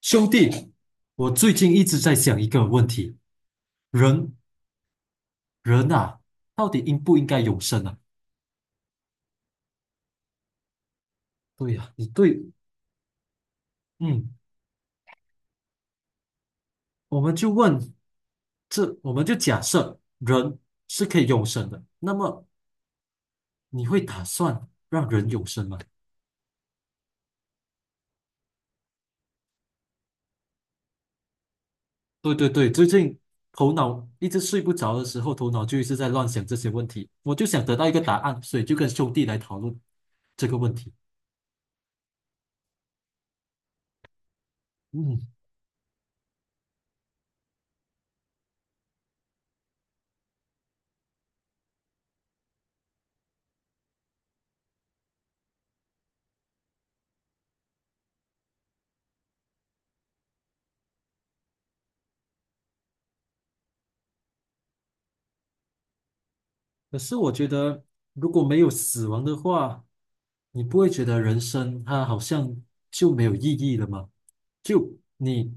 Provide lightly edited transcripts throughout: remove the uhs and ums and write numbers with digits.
兄弟，我最近一直在想一个问题：人，人啊，到底应不应该永生啊？对呀，你对，嗯，我们就问，我们就假设人是可以永生的，那么你会打算让人永生吗？对对对，最近头脑一直睡不着的时候，头脑就一直在乱想这些问题，我就想得到一个答案，所以就跟兄弟来讨论这个问题。嗯。可是我觉得，如果没有死亡的话，你不会觉得人生它好像就没有意义了吗？就你，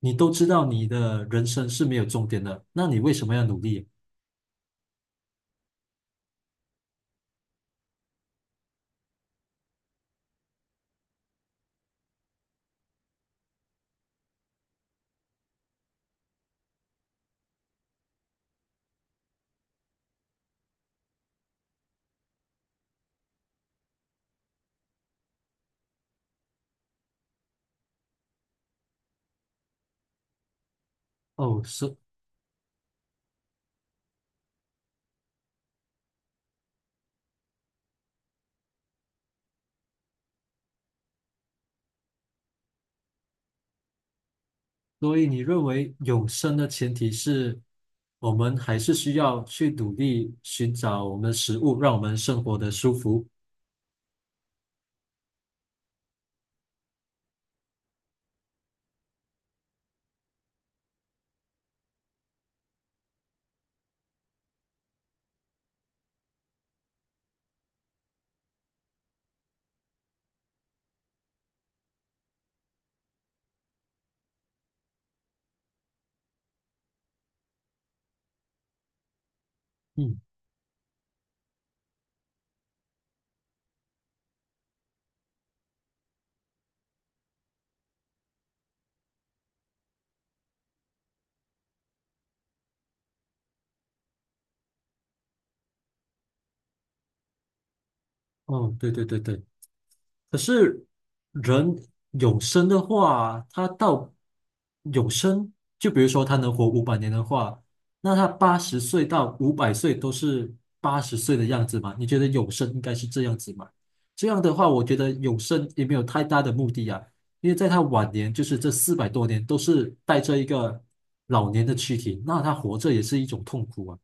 你都知道你的人生是没有终点的，那你为什么要努力？哦，所以你认为永生的前提是我们还是需要去努力寻找我们的食物，让我们生活的舒服。嗯，哦，对对对对。可是人永生的话，他到永生，就比如说他能活500年的话，那他80岁到500岁都是八十岁的样子嘛？你觉得永生应该是这样子吗？这样的话，我觉得永生也没有太大的目的啊，因为在他晚年，就是这400多年都是带着一个老年的躯体，那他活着也是一种痛苦啊。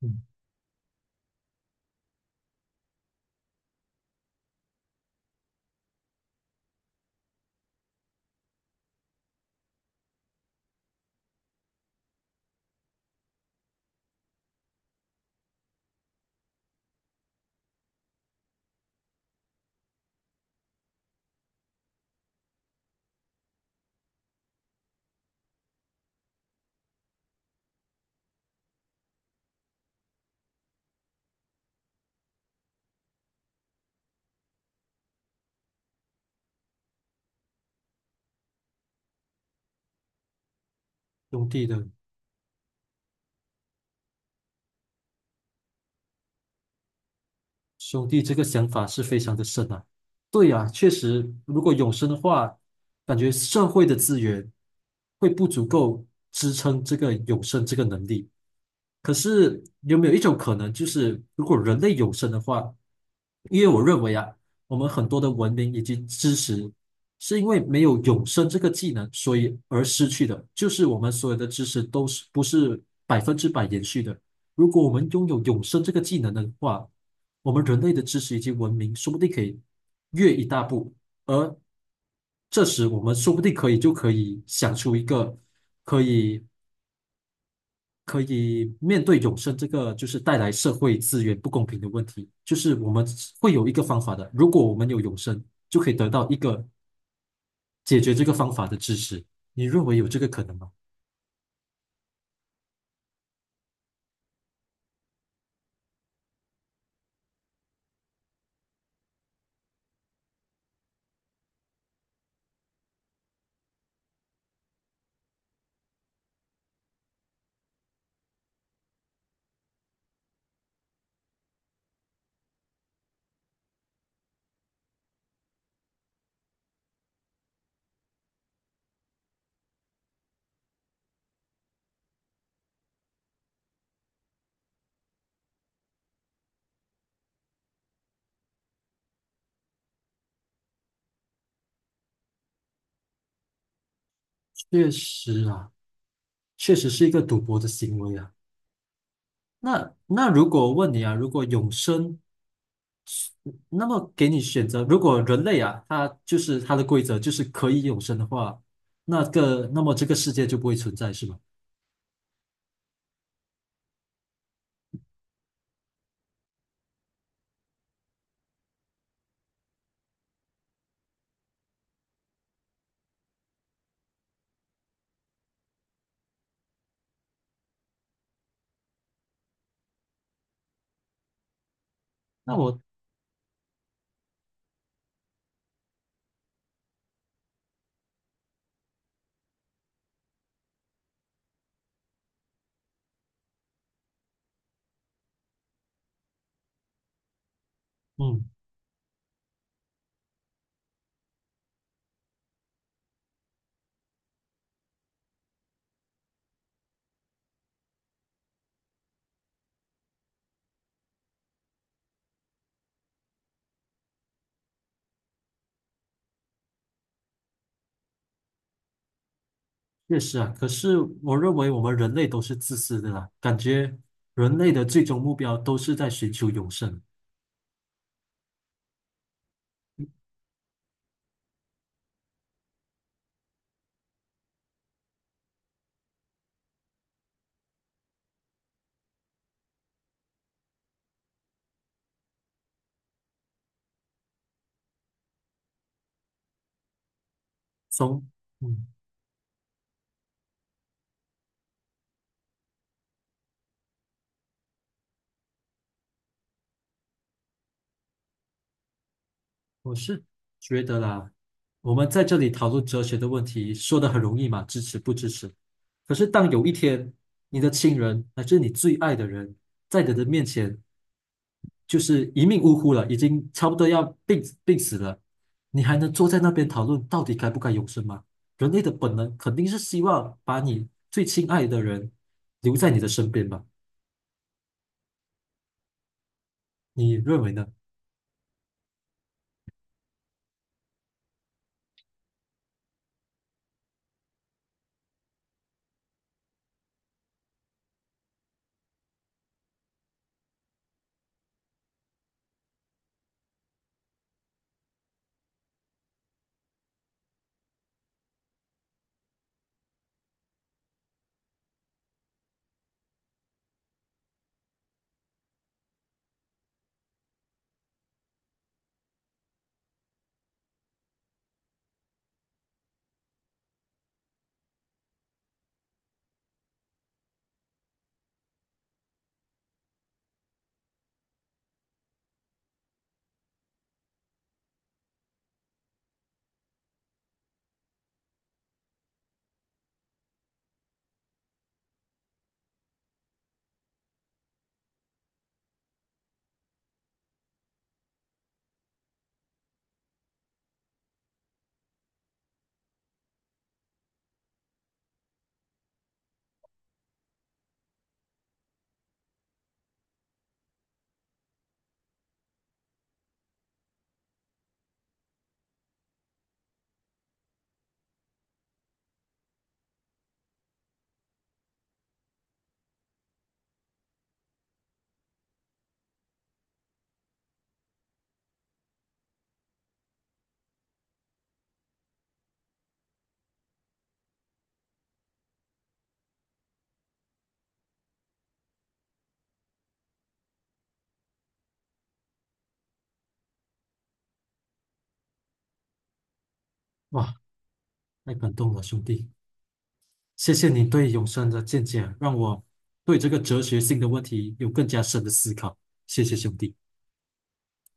嗯，兄弟的。兄弟，这个想法是非常的深啊。对呀，确实，如果永生的话，感觉社会的资源会不足够支撑这个永生这个能力。可是有没有一种可能，就是如果人类永生的话，因为我认为啊，我们很多的文明以及知识，是因为没有永生这个技能，所以而失去的。就是我们所有的知识都是不是100%延续的。如果我们拥有永生这个技能的话，我们人类的知识以及文明说不定可以越一大步。而这时，我们说不定可以就可以想出一个可以可以面对永生这个就是带来社会资源不公平的问题，就是我们会有一个方法的。如果我们有永生，就可以得到一个解决这个方法的支持。你认为有这个可能吗？确实啊，确实是一个赌博的行为啊。那如果问你啊，如果永生，那么给你选择，如果人类啊，他就是他的规则就是可以永生的话，那么这个世界就不会存在，是吗？那我嗯。确实啊，可是我认为我们人类都是自私的啦，感觉人类的最终目标都是在寻求永生。从，嗯，我是觉得啦，我们在这里讨论哲学的问题，说的很容易嘛，支持不支持？可是当有一天你的亲人乃至你最爱的人在你的面前就是一命呜呼了，已经差不多要病死了，你还能坐在那边讨论到底该不该永生吗？人类的本能肯定是希望把你最亲爱的人留在你的身边吧？你认为呢？哇，太感动了，兄弟，谢谢你对永生的见解，让我对这个哲学性的问题有更加深的思考，谢谢兄弟。